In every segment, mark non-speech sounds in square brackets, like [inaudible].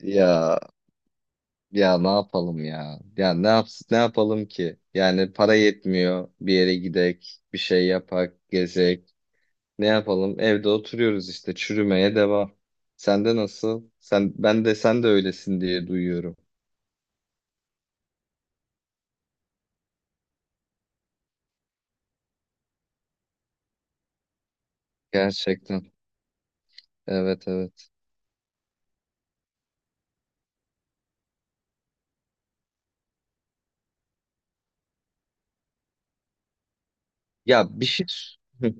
Ya ya ne yapalım ya? Ya ne yapalım ki? Yani para yetmiyor. Bir yere gidek, bir şey yapak, gezek. Ne yapalım? Evde oturuyoruz işte çürümeye devam. Sende nasıl? Sen ben de sen de öylesin diye duyuyorum. Gerçekten. Evet evet. Ya bir şey [laughs]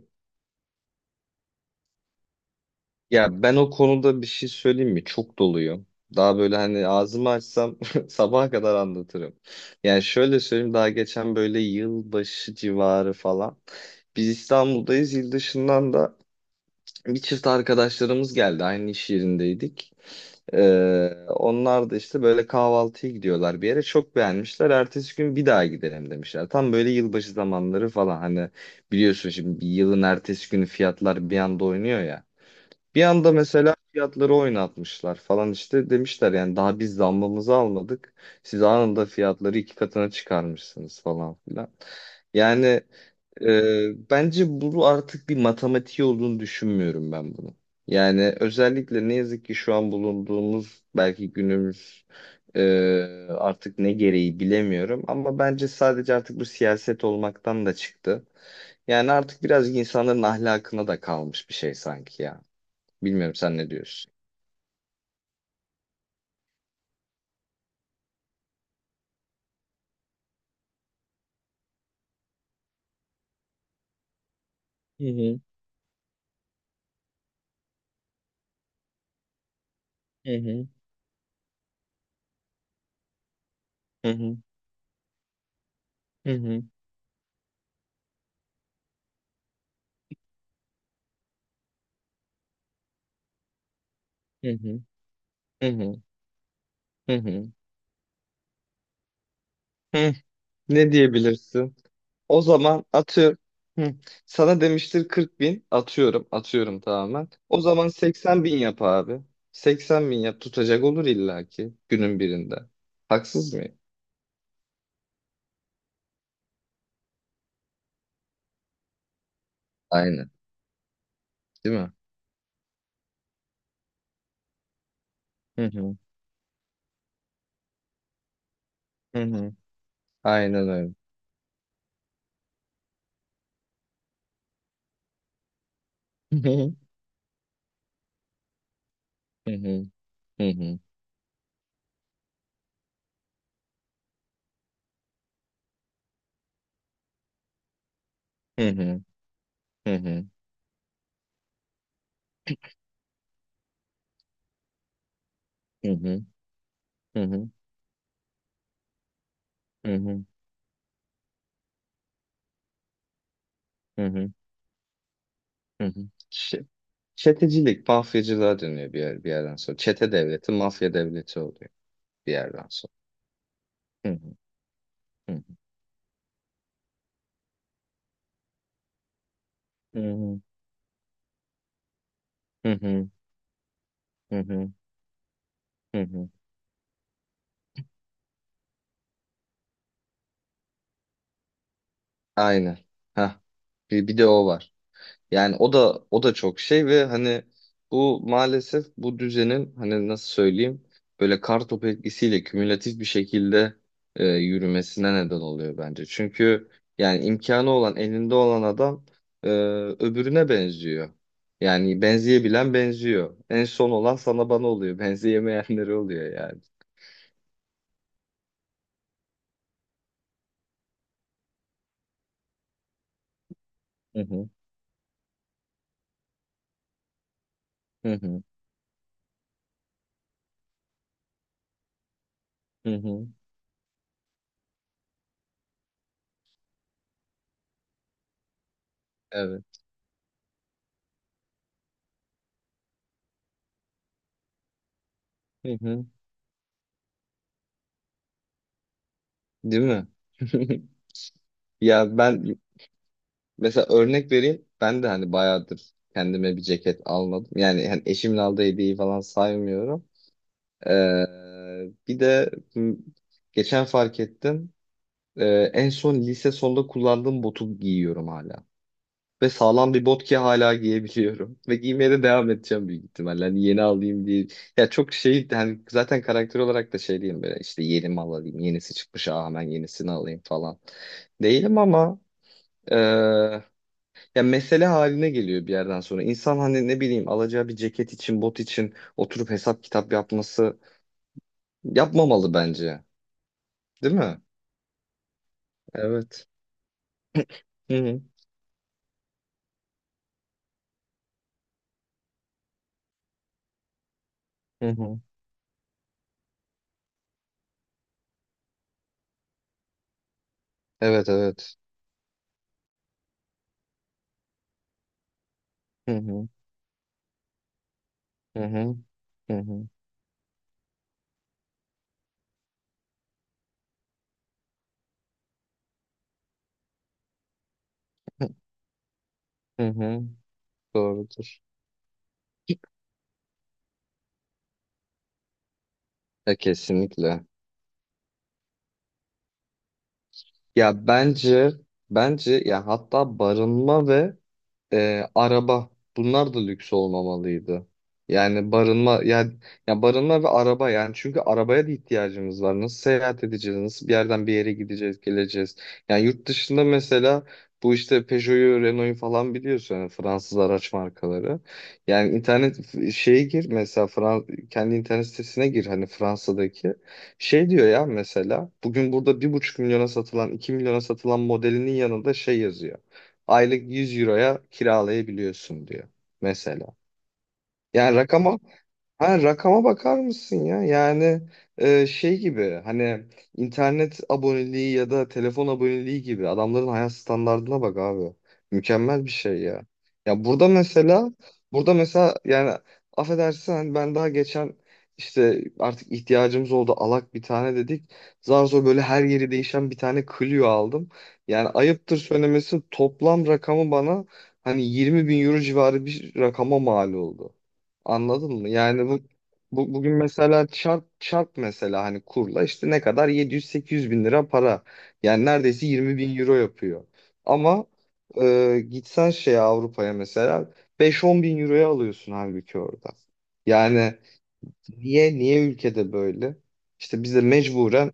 Ya ben o konuda bir şey söyleyeyim mi? Çok doluyum. Daha böyle hani ağzımı açsam [laughs] sabaha kadar anlatırım. Yani şöyle söyleyeyim daha geçen böyle yılbaşı civarı falan. Biz İstanbul'dayız. Yıl dışından da bir çift arkadaşlarımız geldi. Aynı iş yerindeydik. Onlar da işte böyle kahvaltıya gidiyorlar bir yere. Çok beğenmişler. Ertesi gün bir daha gidelim demişler. Tam böyle yılbaşı zamanları falan. Hani biliyorsun şimdi bir yılın ertesi günü fiyatlar bir anda oynuyor ya. Bir anda mesela fiyatları oynatmışlar falan işte demişler yani daha biz zammımızı almadık. Siz anında fiyatları iki katına çıkarmışsınız falan filan. Yani bence bu artık bir matematiği olduğunu düşünmüyorum ben bunu. Yani özellikle ne yazık ki şu an bulunduğumuz belki günümüz e, artık ne gereği bilemiyorum. Ama bence sadece artık bu siyaset olmaktan da çıktı. Yani artık birazcık insanların ahlakına da kalmış bir şey sanki ya. Bilmiyorum sen ne diyorsun? Hı hı, hı hı, hı hı, hı hı, hı hı, hı hı, hı hı. Hı, ne diyebilirsin? O zaman atıyorum. Hı, sana demiştir 40 bin. Atıyorum. Atıyorum tamamen. O zaman 80 bin yap abi. 80 bin yap. Tutacak olur illaki günün birinde. Haksız mıyım? Aynen. Değil mi? Hı hı, hı hı. Aynen öyle. Hı hı, hı hı, hı hı, hı hı, hı hı, hı hı, hı hı, hı hı, hı hı. Hı hı. Ç- Çetecilik, mafyacılığa dönüyor bir yer, bir yerden sonra. Çete devleti, mafya devleti oluyor bir yerden sonra. Hı hı hı hı hı hı hı hı hı. Aynen. Ha. Bir de o var. Yani o da çok şey ve hani bu maalesef bu düzenin hani nasıl söyleyeyim böyle kar topu etkisiyle kümülatif bir şekilde yürümesine neden oluyor bence. Çünkü yani imkanı olan elinde olan adam e, öbürüne benziyor. Yani benzeyebilen benziyor. En son olan sana bana oluyor. [laughs] Benzeyemeyenleri oluyor yani. Hı hı. Hı hı. Hı hı. Evet. Hı hı. Değil mi? [laughs] Ya ben mesela örnek vereyim. Ben de hani bayağıdır kendime bir ceket almadım. Yani hani eşimin aldığı hediyeyi falan saymıyorum. Bir de geçen fark ettim. En son lise sonunda kullandığım botu giyiyorum hala. Ve sağlam bir bot ki hala giyebiliyorum. [laughs] Ve giymeye de devam edeceğim büyük ihtimalle. Hani yeni alayım diye. Ya çok şey hani zaten karakter olarak da şey diyeyim böyle işte yeni mal alayım. Yenisi çıkmış aa hemen yenisini alayım falan. Değilim ama ee, ya mesele haline geliyor bir yerden sonra. İnsan hani ne bileyim alacağı bir ceket için, bot için oturup hesap kitap yapması yapmamalı bence. Değil mi? Evet. Hı hı. Hı hı. Evet evet. Hı hı. Hı hı. Hı hı. Hı hı. Doğrudur. Ya kesinlikle. Ya bence ya hatta barınma ve araba bunlar da lüks olmamalıydı. Yani barınma yani ya barınma ve araba yani çünkü arabaya da ihtiyacımız var. Nasıl seyahat edeceğiz? Nasıl bir yerden bir yere gideceğiz, geleceğiz? Yani yurt dışında mesela bu işte Peugeot'u, Renault'u falan biliyorsun yani Fransız araç markaları. Yani internet şeye gir mesela kendi internet sitesine gir hani Fransa'daki. Şey diyor ya mesela bugün burada bir buçuk milyona satılan, iki milyona satılan modelinin yanında şey yazıyor aylık 100 euroya kiralayabiliyorsun diyor mesela. Yani rakama ha, rakama bakar mısın ya? Yani şey gibi hani internet aboneliği ya da telefon aboneliği gibi adamların hayat standardına bak abi. Mükemmel bir şey ya. Ya burada mesela burada mesela yani affedersin hani ben daha geçen işte artık ihtiyacımız oldu alak bir tane dedik. Zar zor böyle her yeri değişen bir tane Clio aldım. Yani ayıptır söylemesi toplam rakamı bana hani 20 bin euro civarı bir rakama mal oldu. Anladın mı? Yani bu, bu bugün mesela çarp çarp mesela hani kurla işte ne kadar 700-800 bin lira para. Yani neredeyse 20 bin euro yapıyor. Ama gitsen şeye Avrupa'ya mesela 5-10 bin euroya alıyorsun halbuki orada. Yani niye niye ülkede böyle? İşte biz de mecburen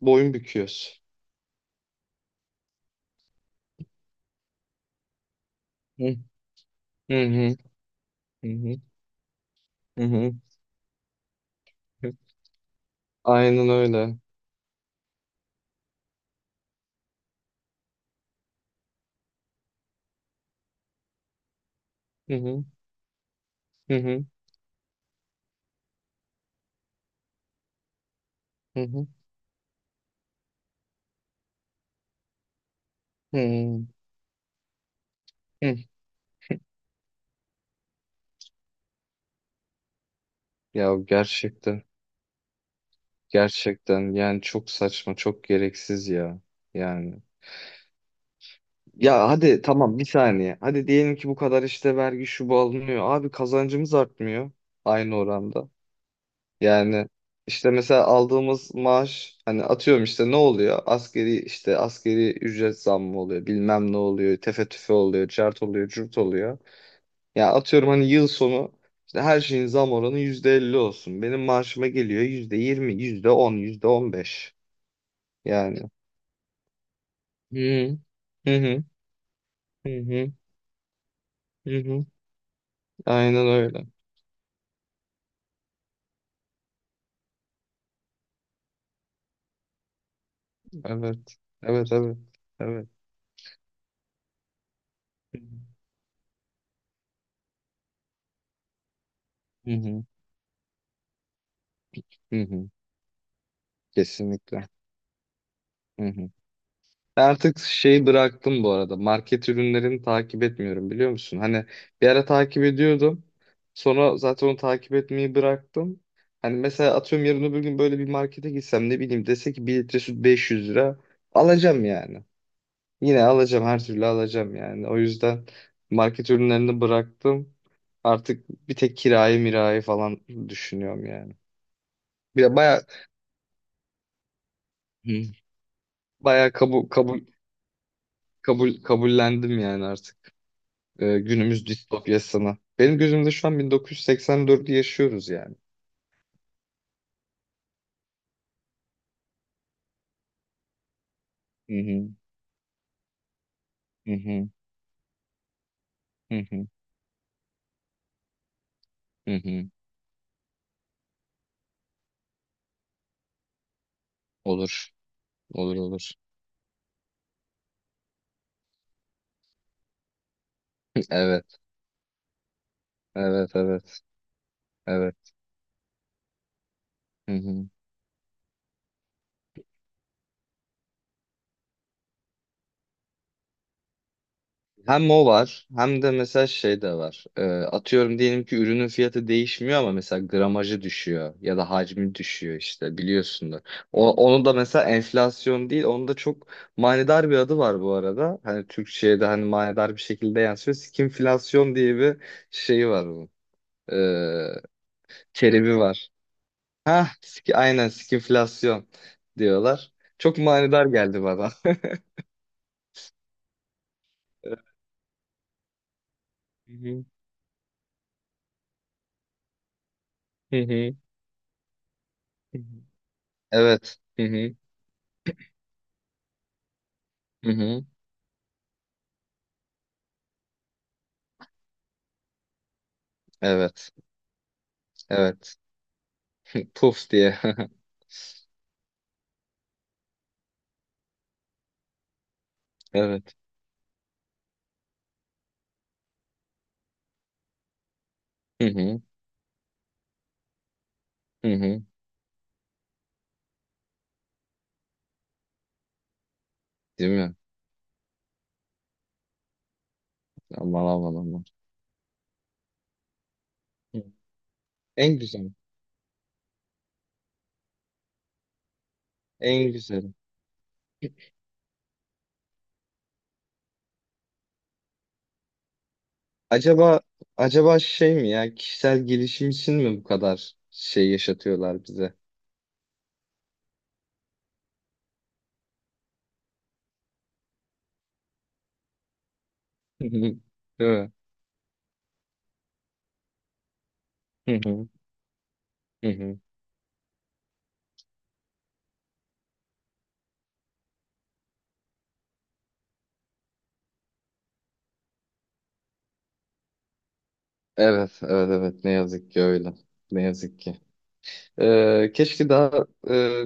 boyun büküyoruz. Hı hı hı hı hı. Hı hı. Aynen öyle. Hı hı hı hı hı hı. Hı. Ya gerçekten. Gerçekten yani çok saçma, çok gereksiz ya. Yani ya evet. Hadi tamam bir saniye. Hadi diyelim ki bu kadar işte vergi şu bu alınıyor. Abi kazancımız artmıyor aynı oranda. Yani işte mesela aldığımız maaş hani atıyorum işte ne oluyor? Asgari işte asgari ücret zammı oluyor. Bilmem ne oluyor. Tefe tüfe oluyor. Cart oluyor. Cürt oluyor. Ya atıyorum hani yıl sonu işte her şeyin zam oranı %50 olsun. Benim maaşıma geliyor yüzde yirmi yüzde on yüzde on beş. Yani hı hı hı hı hı. Hı hı. Aynen öyle. Evet. Evet evet. Evet. Hı hı hı hı. Kesinlikle. Hı hı. Ben artık şeyi bıraktım bu arada. Market ürünlerini takip etmiyorum biliyor musun? Hani bir ara takip ediyordum. Sonra zaten onu takip etmeyi bıraktım. Hani mesela atıyorum yarın öbür gün böyle bir markete gitsem ne bileyim dese ki 1 litre süt 500 lira alacağım yani. Yine alacağım her türlü alacağım yani. O yüzden market ürünlerini bıraktım. Artık bir tek kirayı mirayı falan düşünüyorum yani. Bir de baya hı. Baya kabullendim yani artık günümüz distopyasını. Benim gözümde şu an 1984'ü yaşıyoruz yani. Hı hı. Hı hı. Hı hı. Hı hı. Olur. Olur olur. [laughs] Evet. Evet evet. Evet. Hı hı. Hem o var hem de mesela şey de var. Atıyorum diyelim ki ürünün fiyatı değişmiyor ama mesela gramajı düşüyor ya da hacmi düşüyor işte biliyorsun da. O, onu da mesela enflasyon değil onun da çok manidar bir adı var bu arada. Hani Türkçe'ye de hani manidar bir şekilde yansıyor. Skinflasyon diye bir şeyi var bunun. Ee, terimi var. Ha, aynen skinflasyon diyorlar. Çok manidar geldi bana. [laughs] Hı hı. Hı hı. Evet. Hı hı. Hı hı. Evet. Evet. Puf diye. [laughs] Evet. Hı hı. Hı hı. Değil mi? Aman aman aman. Hı. En güzel. En güzeli. Acaba şey mi ya kişisel gelişim için mi bu kadar şey yaşatıyorlar bize? [laughs] Hı hı. Değil mi? Hı hı. Hı hı. Evet, evet, evet. Ne yazık ki öyle. Ne yazık ki. Keşke daha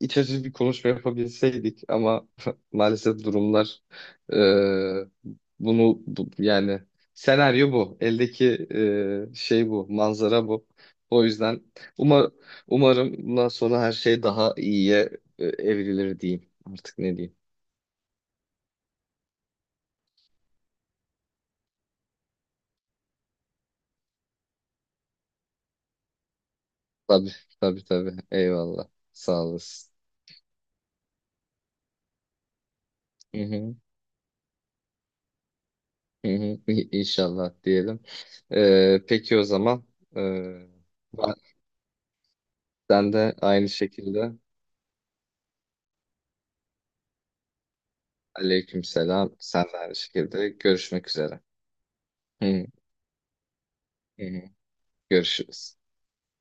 iç açıcı bir konuşma yapabilseydik ama [laughs] maalesef durumlar e, bunu yani senaryo bu. Eldeki şey bu, manzara bu. O yüzden umar, umarım bundan sonra her şey daha iyiye evrilir diyeyim. Artık ne diyeyim? Tabii tabii tabii. Eyvallah. Sağ olasın. Hı hı, hı hı. İnşallah diyelim. Peki o zaman. Ee, Sen de aynı şekilde. Aleykümselam. Sen de aynı şekilde. Görüşmek üzere. Hı hı. Görüşürüz.